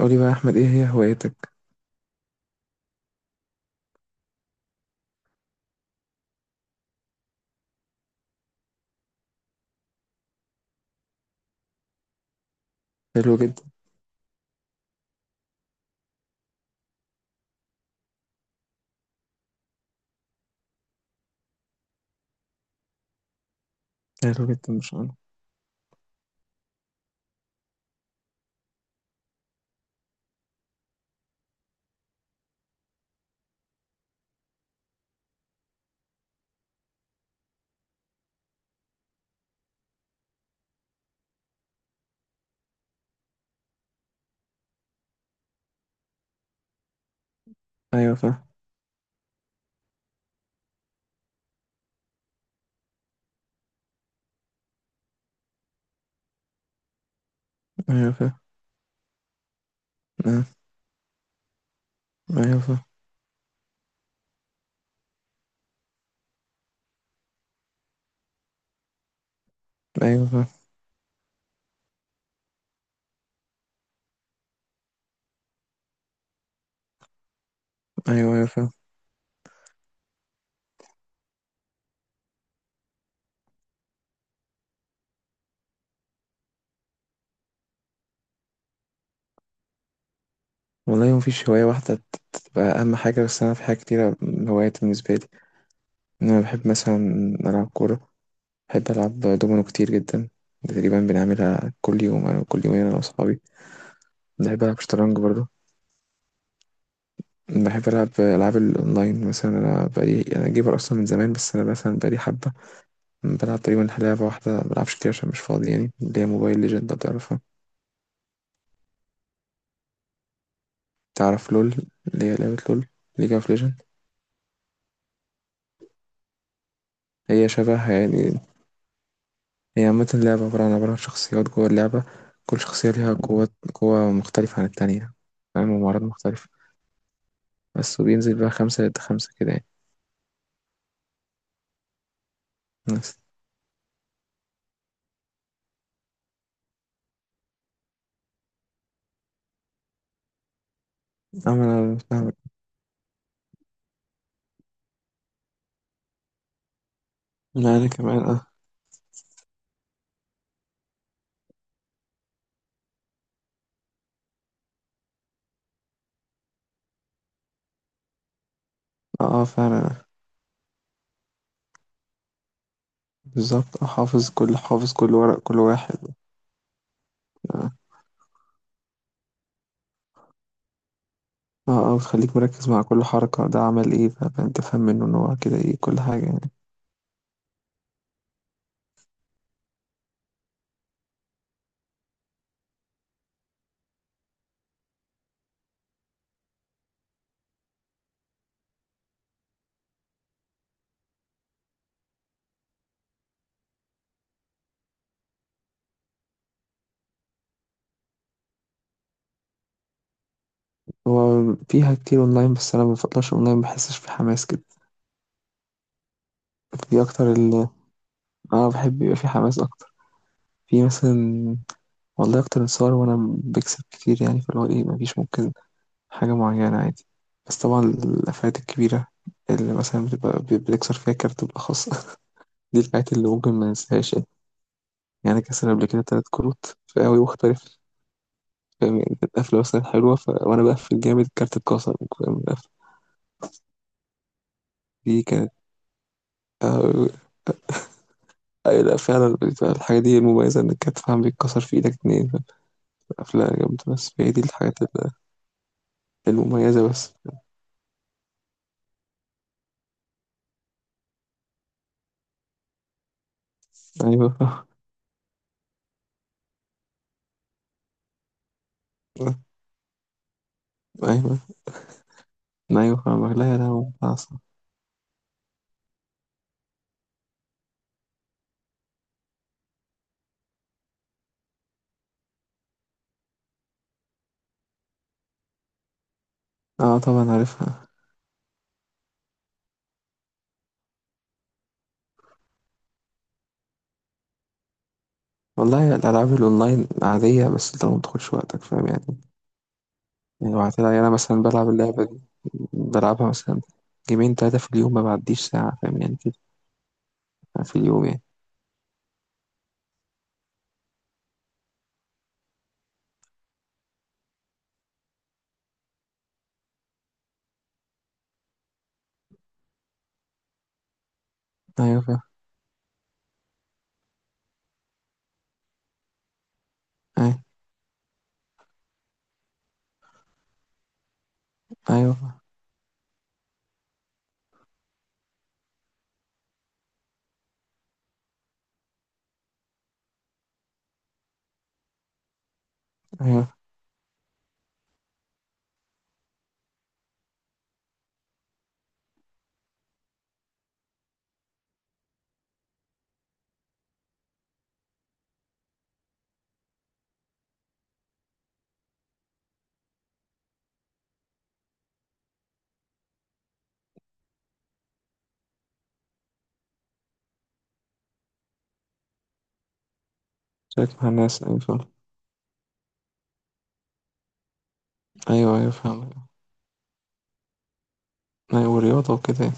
قولي بقى يا أحمد إيه هي هوايتك؟ حلو جدا. حلو جدا مش أنا. أيوة فاهم. أيوة فاهم. آه، أيوة فاهم. أيوة فاهم. أيوة أيوة فاهم. والله مفيش هواية واحدة تبقى أهم حاجة، بس أنا في حاجة كتيرة. هوايات بالنسبة لي إن أنا بحب مثلا ألعب كورة، بحب ألعب دومينو كتير جدا، تقريبا بنعملها كل يوم أنا كل يومين أنا وأصحابي. بحب ألعب شطرنج برضه. بحب ألعب ألعاب الأونلاين مثلا، أنا بقالي جيمر أصلا من زمان، بس أنا مثلا بقالي حبة بلعب تقريبا لعبة واحدة مبلعبش كتير عشان مش فاضي يعني، اللي هي موبايل ليجند لو تعرفها. تعرف لول؟ اللي هي لعبة لول، ليج اوف ليجند. هي شبهها يعني. هي عامة لعبة عبارة عن شخصيات جوه اللعبة، كل شخصية ليها قوة مختلفة عن التانية، فاهم، ومهارات مختلفة بس. وبينزل بقى خمسة ضد خمسة كده يعني بس. أما أنا فاهمك. لا أنا يعني كمان أه. أه آه، فعلا. بالظبط آه، حافظ كل ورق كل واحد. اه. اه آه، بتخليك مركز مع كل حركة، ده عمل ايه فانت فاهم منه ان هو كده ايه كل حاجة يعني. هو فيها كتير اونلاين، بس انا ما بفضلش اونلاين، ما بحسش في حماس كده. دي اكتر اللي انا بحب يبقى في حماس اكتر في مثلا. والله اكتر انتصار وانا بكسب كتير يعني، فاللي هو ايه مفيش ممكن حاجة معينة عادي. بس طبعا الافات الكبيرة اللي مثلا بتبقى بتكسر فيها كارت بالاخص دي الحاجات اللي ممكن ما ننساهاش يعني. يعني أنا كسر قبل كده تلات كروت في قوي مختلف، فاهم يعني، كانت قفلة مثلا حلوة وأنا بقفل جامد الكارت اتكسر، فاهم؟ القفلة دي كانت آه، أي لا فعلا بتبقى الحاجة دي المميزة، إنك كانت فاهم بيتكسر في إيدك اتنين أفلام جامدة، بس هي دي الحاجات المميزة بس. أيوة أيوة أيوة فاهمك، لا يا لهوي عصب. أه طبعا عارفها. والله الألعاب الأونلاين عادية، بس أنت ما تدخلش وقتك فاهم يعني. يعني لو هتلاقي أنا مثلا بلعب اللعبة دي، بلعبها مثلا جيمين تلاتة في اليوم، ما بعديش ساعة فاهم يعني كده، في اليوم يعني. أيوة فاهم. أيوة أيوة. أيوة، شارك مع الناس، أيوة فاهم. أيوة أيوة فاهم. أيوة ورياضة وكده.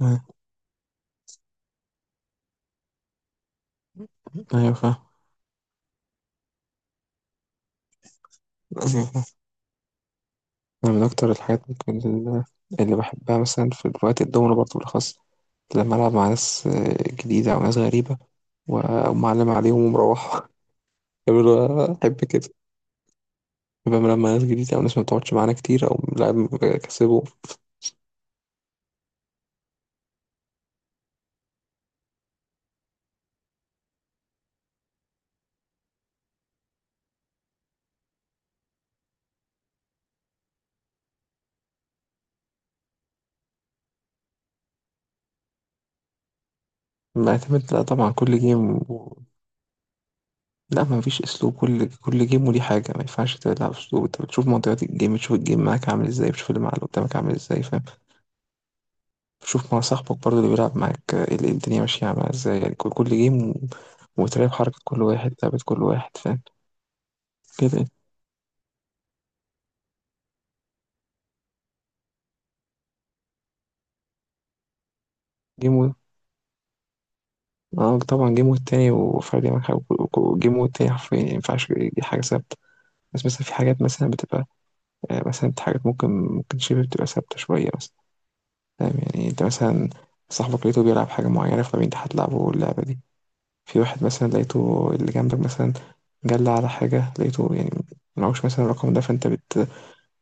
يعني. ايوه فاهم. أيوة فاهم. انا من اكتر الحاجات ممكن اللي بحبها مثلا في وقت الدومينو برضه بالاخص، لما العب مع ناس آه، جديده او ناس غريبه ومعلم عليهم ومروحه يقولوا احب كده. يبقى لما ناس جديده او ناس ما بتقعدش معانا كتير او لاعب كسبه. معتمد، لا طبعا كل جيم لا ما فيش اسلوب، كل جيم وليه حاجه ما ينفعش تلعب اسلوب، انت بتشوف منطقات الجيم، بتشوف الجيم معاك عامل ازاي، بتشوف اللي مع اللي قدامك عامل ازاي، فاهم. شوف مع صاحبك برضه اللي بيلعب معاك آه، الدنيا ماشية عاملة ازاي يعني، كل جيم. وتراقب حركة كل واحد، لعبة كل واحد، فاهم كده. جيم اه طبعا، جيم والتاني وفردي معاك حاجة، جيم والتاني حرفيا يعني مينفعش، دي حاجة ثابتة. بس مثلا في حاجات مثلا بتبقى آه، مثلا حاجات ممكن شبه بتبقى ثابتة شوية مثلا، فاهم يعني، انت مثلا صاحبك لقيته بيلعب حاجة معينة فمين انت هتلعبه اللعبة دي. في واحد مثلا لقيته اللي جنبك مثلا جل على حاجة، لقيته يعني معهوش مثلا الرقم ده، فانت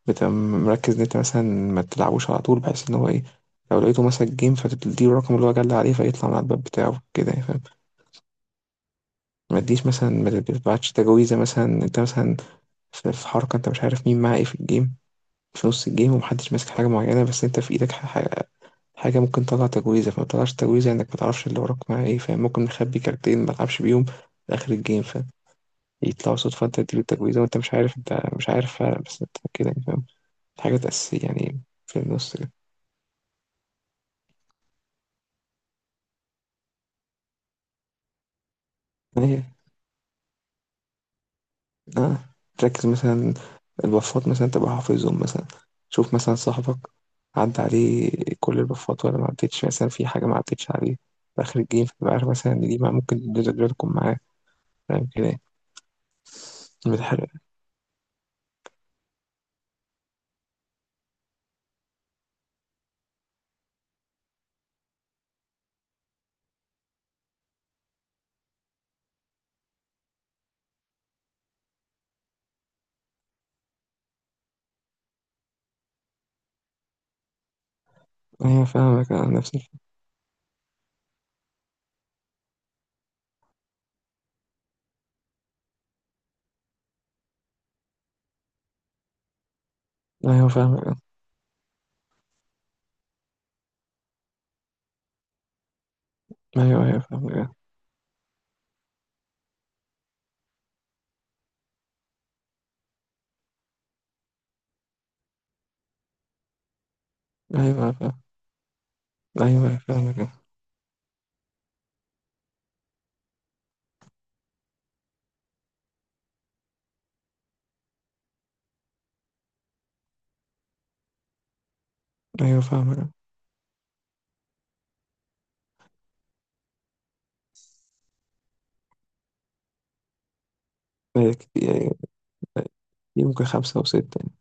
بتبقى مركز ان انت مثلا ما تلعبوش على طول، بحيث ان هو ايه لو لقيته مسك جيم فتديله الرقم اللي هو جال عليه فيطلع من على الباب بتاعه كده يعني، فاهم. ما تديش مثلا، ما تبعتش تجويزه مثلا انت مثلا في حركه انت مش عارف مين معاه ايه في الجيم، في نص الجيم ومحدش ماسك حاجه معينه، بس انت في ايدك حاجه ممكن تطلع تجويزه، فما تطلعش تجويزه انك ما تعرفش اللي وراك معاه ايه، فاهم. ممكن نخبي كارتين ما تلعبش بيهم لاخر الجيم، فاهم. يطلعوا صدفه انت تديله التجويزه وانت مش عارف، انت مش عارف بس انت كده يعني، فاهم. حاجات اساسيه يعني في النص كده. اه، تركز مثلا البفات مثلا تبقى حافظهم مثلا، شوف مثلا صاحبك عدى عليه كل البفات ولا ما عدتش، مثلا في حاجة ما عدتش عليه في آخر الجيم، فتبقى عارف مثلا إن دي ما ممكن الدرجة تكون معاه، فاهم كده يعني. بتحرق. أيوة فاهمك أنا، نفس الفكرة. أيوة فاهمك أنا. أيوة أيوة فاهمك أنا. أيوة أيوة فاهم. أيوة أيوة فاهمك أنا. أيوة فاهمك أنا. هي كتير- هي ممكن خمسة أو ستة